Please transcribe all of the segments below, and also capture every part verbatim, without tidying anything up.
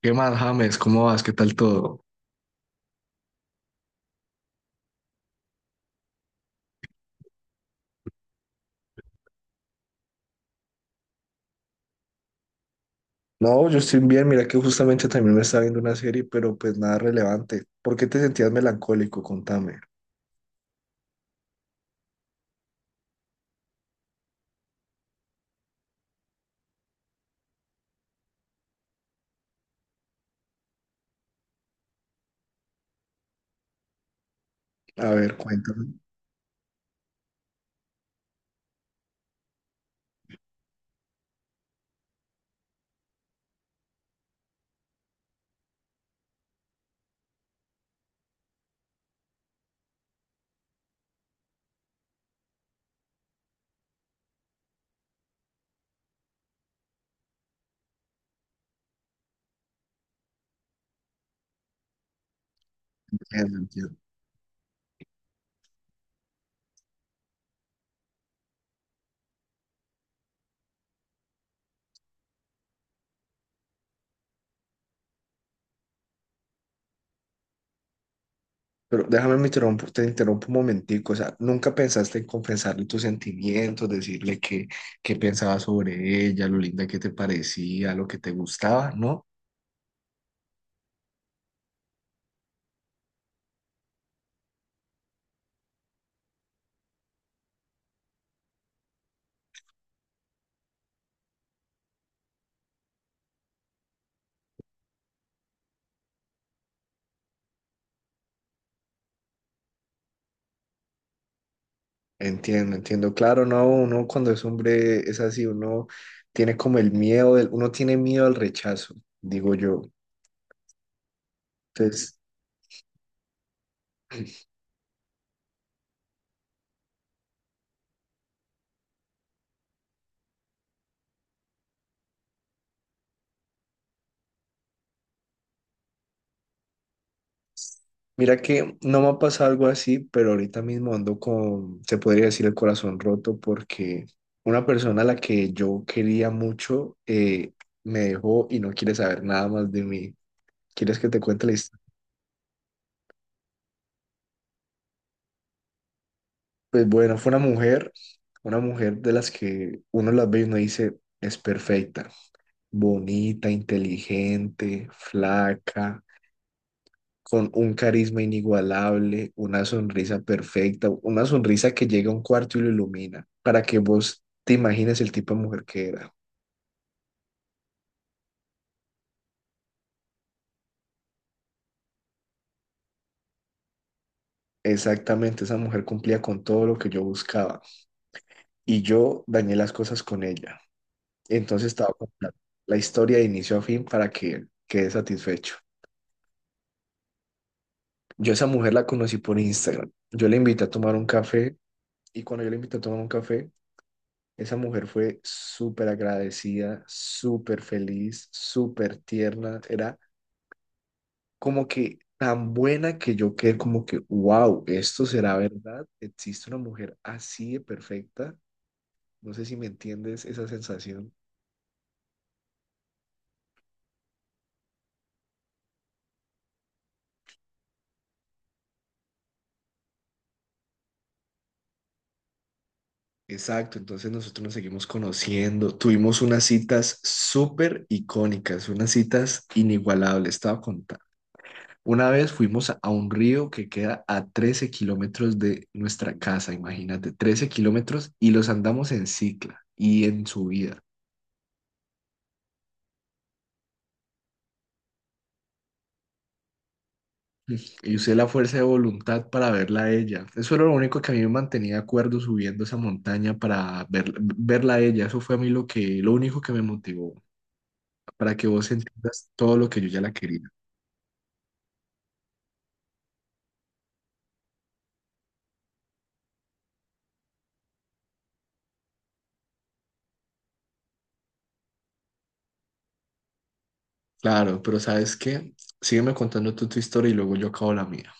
¿Qué más, James? ¿Cómo vas? ¿Qué tal todo? No, yo estoy bien, mira que justamente también me estaba viendo una serie, pero pues nada relevante. ¿Por qué te sentías melancólico? Contame. A ver, cuéntame. Eh, no entiendo. Pero déjame me interrumpo, te interrumpo un momentico. O sea, ¿nunca pensaste en confesarle tus sentimientos, decirle que, qué pensabas sobre ella, lo linda que te parecía, lo que te gustaba, ¿no? Entiendo, entiendo. Claro, no, uno cuando es hombre es así, uno tiene como el miedo, del, uno tiene miedo al rechazo, digo yo. Entonces, mira que no me ha pasado algo así, pero ahorita mismo ando con, se podría decir, el corazón roto porque una persona a la que yo quería mucho eh, me dejó y no quiere saber nada más de mí. ¿Quieres que te cuente la historia? Pues bueno, fue una mujer, una mujer de las que uno las ve y uno dice, es perfecta, bonita, inteligente, flaca, con un carisma inigualable, una sonrisa perfecta, una sonrisa que llega a un cuarto y lo ilumina, para que vos te imagines el tipo de mujer que era. Exactamente, esa mujer cumplía con todo lo que yo buscaba y yo dañé las cosas con ella. Entonces estaba con la, la historia de inicio a fin para que quede satisfecho. Yo a esa mujer la conocí por Instagram. Yo le invité a tomar un café y cuando yo le invité a tomar un café, esa mujer fue súper agradecida, súper feliz, súper tierna. Era como que tan buena que yo quedé como que, wow, esto será verdad. Existe una mujer así de perfecta. No sé si me entiendes esa sensación. Exacto, entonces nosotros nos seguimos conociendo. Tuvimos unas citas súper icónicas, unas citas inigualables. Estaba contando. Una vez fuimos a a un río que queda a trece kilómetros de nuestra casa, imagínate, trece kilómetros y los andamos en cicla y en subida. Y usé la fuerza de voluntad para verla a ella. Eso era lo único que a mí me mantenía acuerdo subiendo esa montaña para ver, verla a ella. Eso fue a mí lo que, lo único que me motivó, para que vos entiendas todo lo que yo ya la quería. Claro, pero ¿sabes qué? Sígueme contando tú tu historia y luego yo acabo la mía.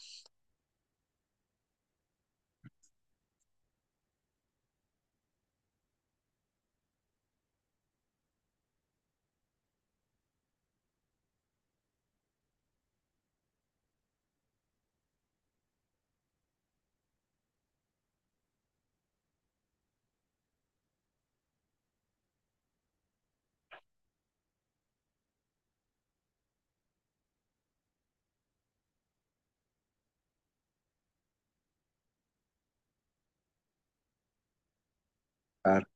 Claro.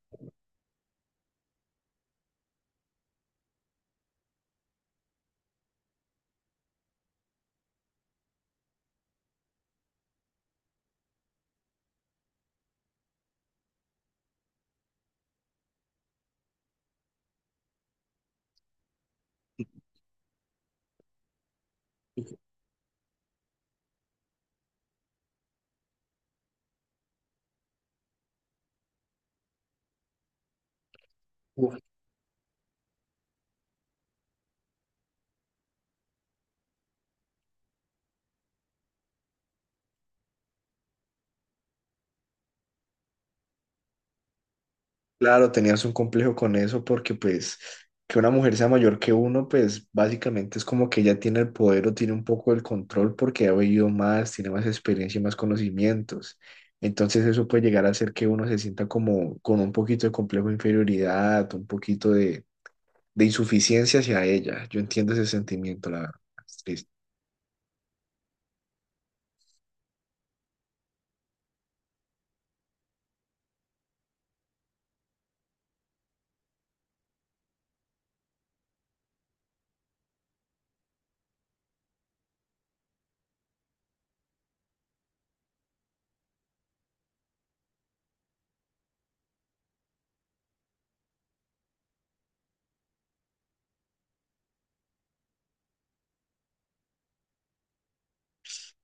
Claro, tenías un complejo con eso porque pues que una mujer sea mayor que uno, pues básicamente es como que ella tiene el poder o tiene un poco el control porque ha vivido más, tiene más experiencia y más conocimientos. Entonces eso puede llegar a hacer que uno se sienta como con un poquito de complejo de inferioridad, un poquito de, de insuficiencia hacia ella. Yo entiendo ese sentimiento, la verdad. Es triste.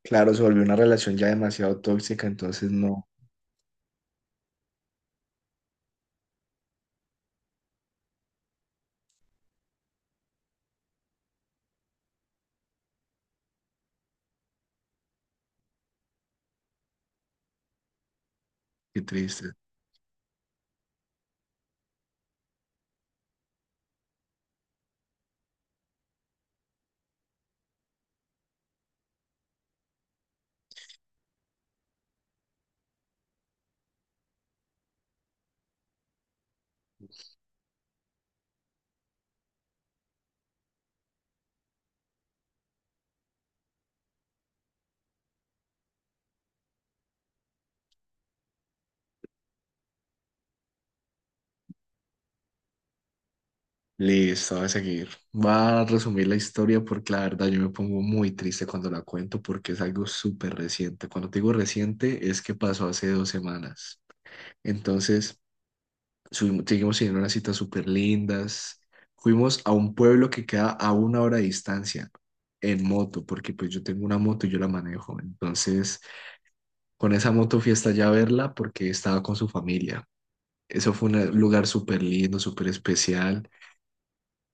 Claro, se volvió una relación ya demasiado tóxica, entonces no. Qué triste. Listo, voy a seguir. Va a resumir la historia porque la verdad yo me pongo muy triste cuando la cuento porque es algo súper reciente. Cuando te digo reciente es que pasó hace dos semanas. Entonces, subimos- seguimos teniendo unas citas súper lindas. Fuimos a un pueblo que queda a una hora de distancia en moto porque pues yo tengo una moto y yo la manejo. Entonces, con esa moto fui hasta allá a verla porque estaba con su familia. Eso fue un lugar súper lindo, súper especial.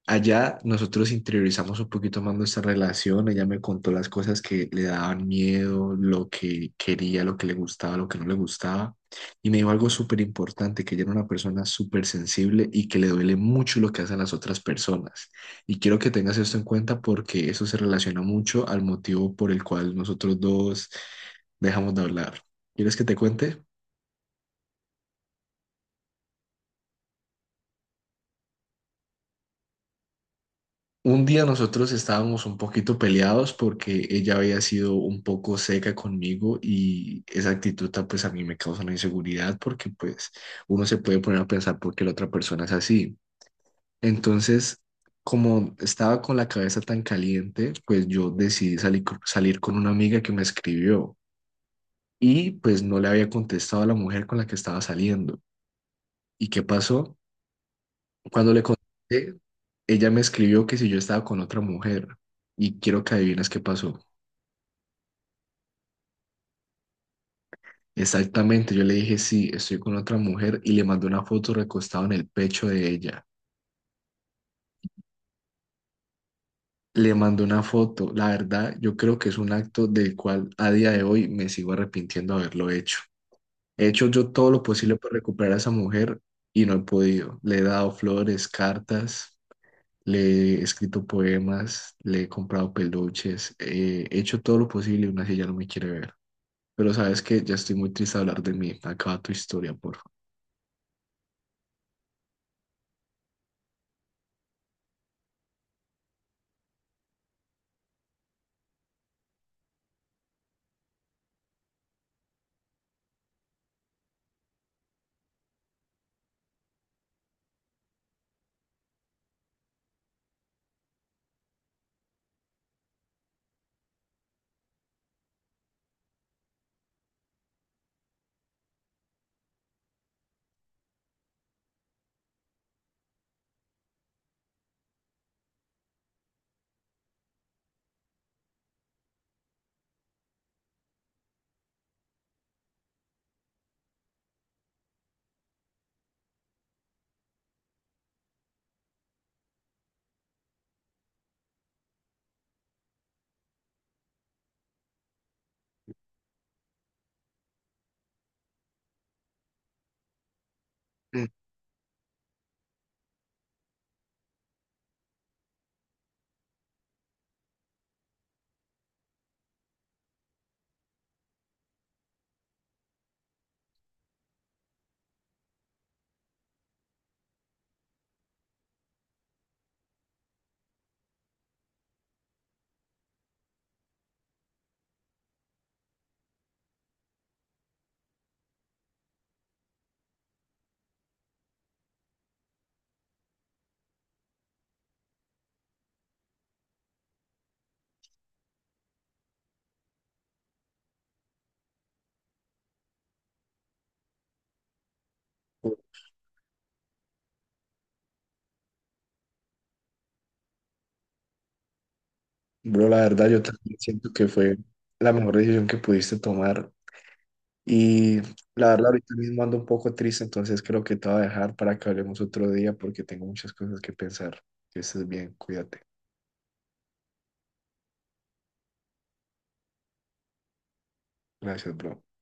Allá nosotros interiorizamos un poquito más nuestra relación, ella me contó las cosas que le daban miedo, lo que quería, lo que le gustaba, lo que no le gustaba, y me dijo algo súper importante, que ella era una persona súper sensible y que le duele mucho lo que hacen las otras personas. Y quiero que tengas esto en cuenta porque eso se relaciona mucho al motivo por el cual nosotros dos dejamos de hablar. ¿Quieres que te cuente? Un día nosotros estábamos un poquito peleados porque ella había sido un poco seca conmigo y esa actitud ta- pues a mí me causa una inseguridad porque pues uno se puede poner a pensar por qué la otra persona es así. Entonces, como estaba con la cabeza tan caliente, pues yo decidí salir, co- salir con una amiga que me escribió y pues no le había contestado a la mujer con la que estaba saliendo. ¿Y qué pasó? Cuando le conté, ella me escribió que si yo estaba con otra mujer y quiero que adivines qué pasó. Exactamente, yo le dije sí, estoy con otra mujer y le mandé una foto recostado en el pecho de ella. Le mandé una foto, la verdad, yo creo que es un acto del cual a día de hoy me sigo arrepintiendo de haberlo hecho. He hecho yo todo lo posible por recuperar a esa mujer y no he podido. Le he dado flores, cartas, le he escrito poemas, le he comprado peluches, eh, he hecho todo lo posible y aún así ella no me quiere ver. Pero sabes que ya estoy muy triste de hablar de mí. Acaba tu historia, por favor. Mm. Bro, la verdad, yo también siento que fue la mejor decisión que pudiste tomar. Y la verdad, ahorita mismo ando un poco triste, entonces creo que te voy a dejar para que hablemos otro día porque tengo muchas cosas que pensar. Que estés bien, cuídate. Gracias, bro.